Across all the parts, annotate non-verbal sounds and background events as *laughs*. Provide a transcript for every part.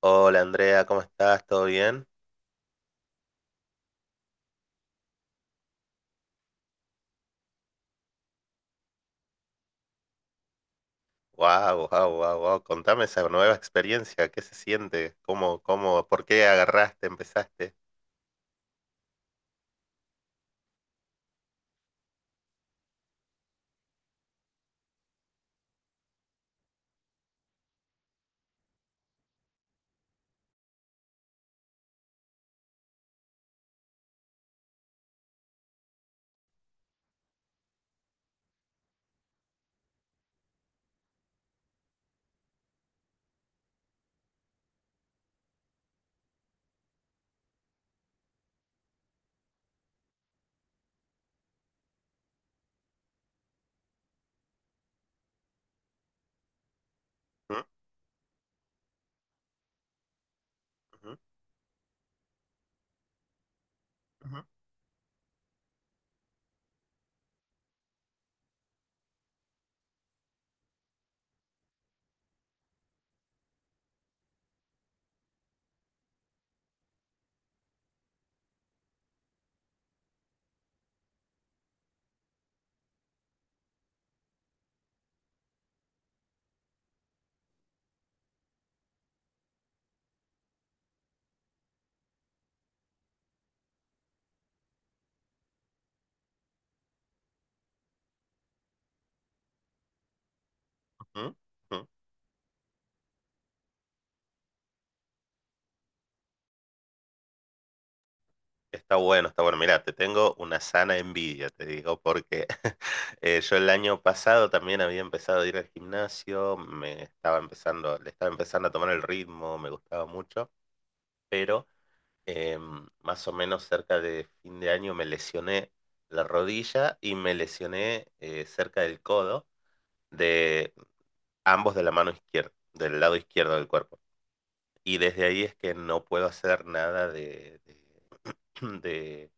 Hola Andrea, ¿cómo estás? ¿Todo bien? Wow, wow, wow, wow. Contame esa nueva experiencia, ¿qué se siente? ¿Cómo, por qué agarraste, empezaste? ¿Mm? Ujú, ujú, ujú, ujú. Está bueno, está bueno. Mira, te tengo una sana envidia, te digo, porque *laughs* yo el año pasado también había empezado a ir al gimnasio, le estaba empezando a tomar el ritmo, me gustaba mucho, pero eh, más o menos cerca de fin de año me lesioné la rodilla y me lesioné cerca del codo de ambos de la mano izquierda, del lado izquierdo del cuerpo. Y desde ahí es que no puedo hacer nada *clears throat* de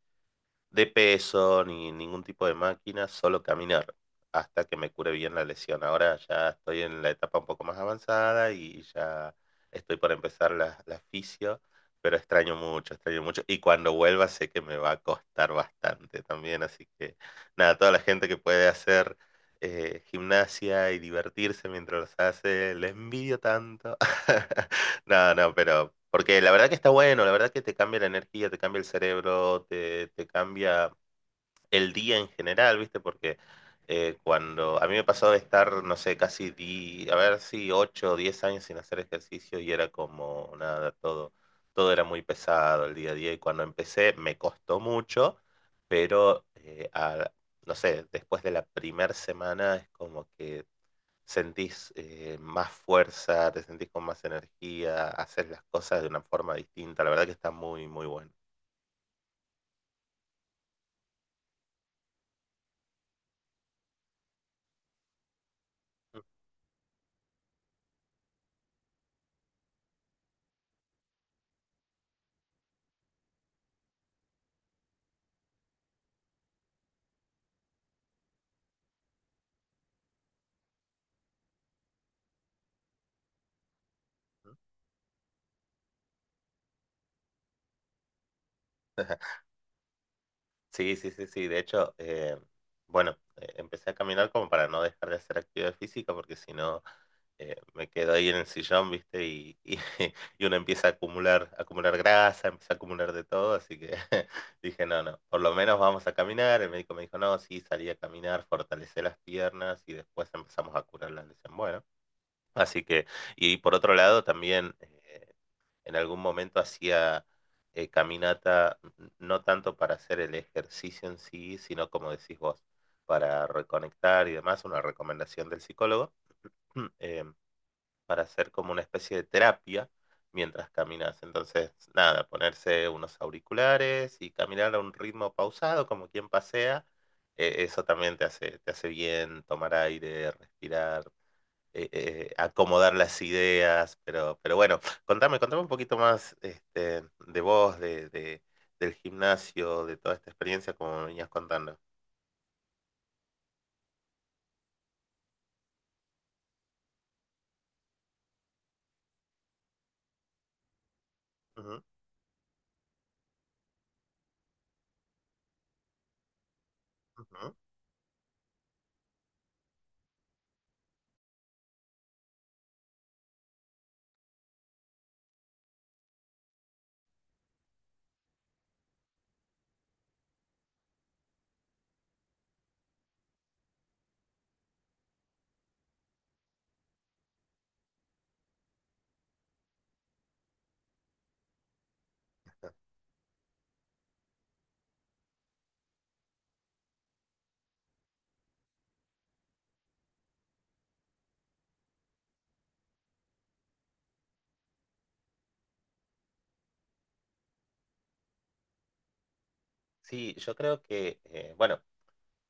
de peso ni ningún tipo de máquina, solo caminar hasta que me cure bien la lesión. Ahora ya estoy en la etapa un poco más avanzada y ya estoy por empezar la fisio, pero extraño mucho, extraño mucho. Y cuando vuelva sé que me va a costar bastante también, así que nada, toda la gente que puede hacer gimnasia y divertirse mientras los hace, les envidio tanto. *laughs* No, no, pero porque la verdad que está bueno, la verdad que te cambia la energía, te cambia el cerebro, te cambia el día en general, ¿viste? Porque cuando a mí me pasó de estar, no sé, casi, a ver si 8 o 10 años sin hacer ejercicio y era como nada, todo era muy pesado el día a día y cuando empecé me costó mucho, pero no sé, después de la primera semana es como que sentís más fuerza, te sentís con más energía, haces las cosas de una forma distinta. La verdad que está muy, muy bueno. Ujú. Sí, sí, sí, sí. De hecho, bueno, empecé a caminar como para no dejar de hacer actividad física, porque si no, me quedo ahí en el sillón, ¿viste? *laughs* Y uno empieza a acumular grasa, empieza a acumular de todo. Así que *laughs* dije, no, no, por lo menos vamos a caminar. El médico me dijo, no, sí, salí a caminar, fortalecé las piernas y después empezamos a curar la lesión. Bueno. Así que, y por otro lado, también en algún momento hacía caminata, no tanto para hacer el ejercicio en sí, sino como decís vos, para reconectar y demás, una recomendación del psicólogo, *clears throat* eh, para hacer como una especie de terapia mientras caminas. Entonces, nada, ponerse unos auriculares y caminar a un ritmo pausado, como quien pasea, eso también te hace bien tomar aire, respirar acomodar las ideas, pero bueno, contame, contame un poquito más de vos, del gimnasio, de toda esta experiencia como me venías contando. Ujú, ujú. Sí, yo creo que, bueno,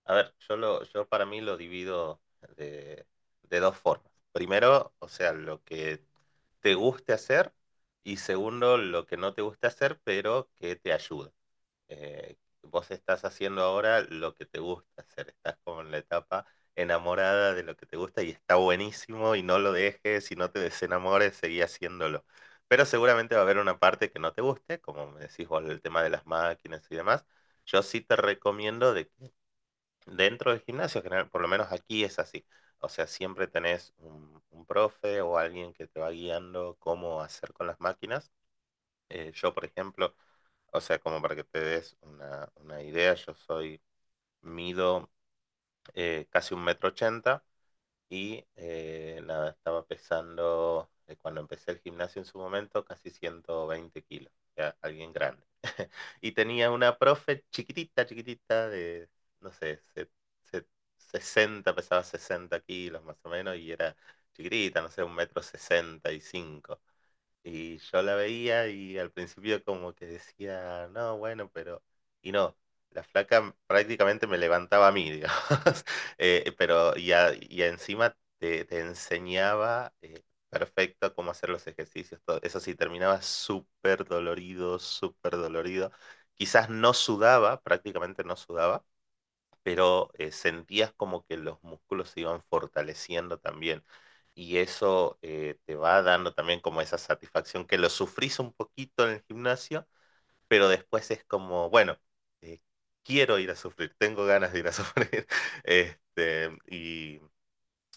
a ver, yo para mí lo divido de, de dos formas. Primero, o sea, lo que te guste hacer y segundo, lo que no te guste hacer, pero que te ayude. eh, vos estás haciendo ahora lo que te gusta hacer, estás como en la etapa enamorada de lo que te gusta y está buenísimo y no lo dejes y no te desenamores, seguí haciéndolo. Pero seguramente va a haber una parte que no te guste, como me decís vos, el tema de las máquinas y demás. Yo sí te recomiendo de que dentro del gimnasio, general, por lo menos aquí es así. O sea, siempre tenés un profe o alguien que te va guiando cómo hacer con las máquinas yo, por ejemplo, o sea, como para que te des una idea, mido casi un metro ochenta y nada, estaba pesando, cuando empecé el gimnasio en su momento, casi 120 kilos, o sea, alguien grande. *laughs* Y tenía una profe chiquitita, chiquitita, de, no sé, se- 60, pesaba 60 kilos más o menos, y era chiquitita, no sé, un metro 65 y yo la veía y al principio como que decía, no, bueno, pero... Y no, la flaca prácticamente me levantaba a mí, digamos. *laughs* Pero y encima te enseñaba perfecto cómo hacer los ejercicios, todo. Eso sí, terminaba súper dolorido, súper dolorido. Quizás no sudaba, prácticamente no sudaba, pero sentías como que los músculos se iban fortaleciendo también y eso te va dando también como esa satisfacción que lo sufrís un poquito en el gimnasio, pero después es como, bueno, eh, quiero ir a sufrir, tengo ganas de ir a *laughs* sufrir. Este, y,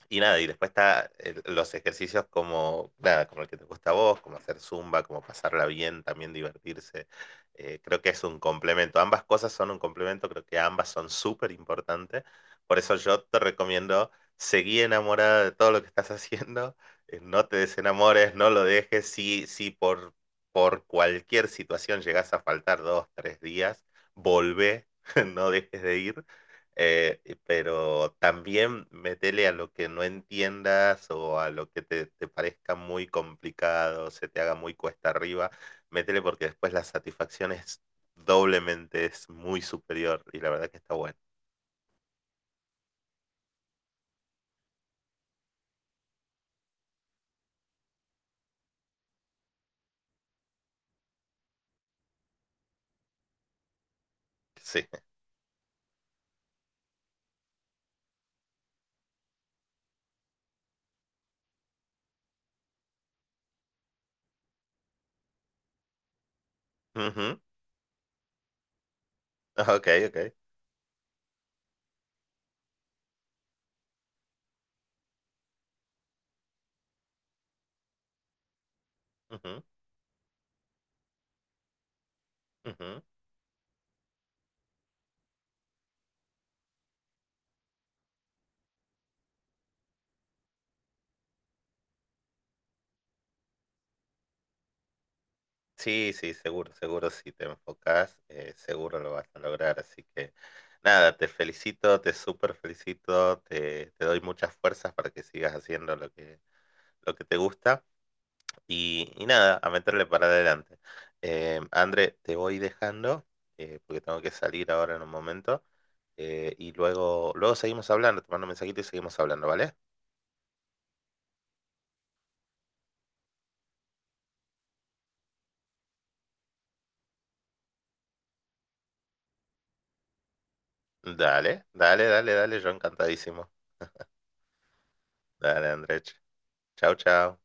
y nada, y después está los ejercicios como, nada, como el que te gusta a vos, como hacer zumba, como pasarla bien, también divertirse. Creo que es un complemento. Ambas cosas son un complemento, creo que ambas son súper importantes. Por eso yo te recomiendo, seguí enamorada de todo lo que estás *laughs* haciendo, no te desenamores, no lo dejes. Si por cualquier situación llegás a faltar dos, tres días, volvé, *laughs* no dejes de ir pero también metele a lo que no entiendas o a lo que te parezca muy complicado, se te haga muy cuesta arriba, métele porque después la satisfacción es doblemente, es muy superior y la verdad que está bueno. Sí. *laughs* Ujú. Ok, ok. Ujú, ujú. Sí, sí, seguro, seguro si te enfocas, seguro lo vas a lograr. Así que nada, te felicito, te súper felicito, te doy muchas fuerzas para que sigas haciendo lo que te gusta. Y nada, a meterle para adelante. André, te voy dejando, porque tengo que salir ahora en un momento. Y luego, luego seguimos hablando, te mando un mensajito y seguimos hablando, ¿vale? Dale, dale, dale, dale, yo encantadísimo. Dale, André. Chao, chao.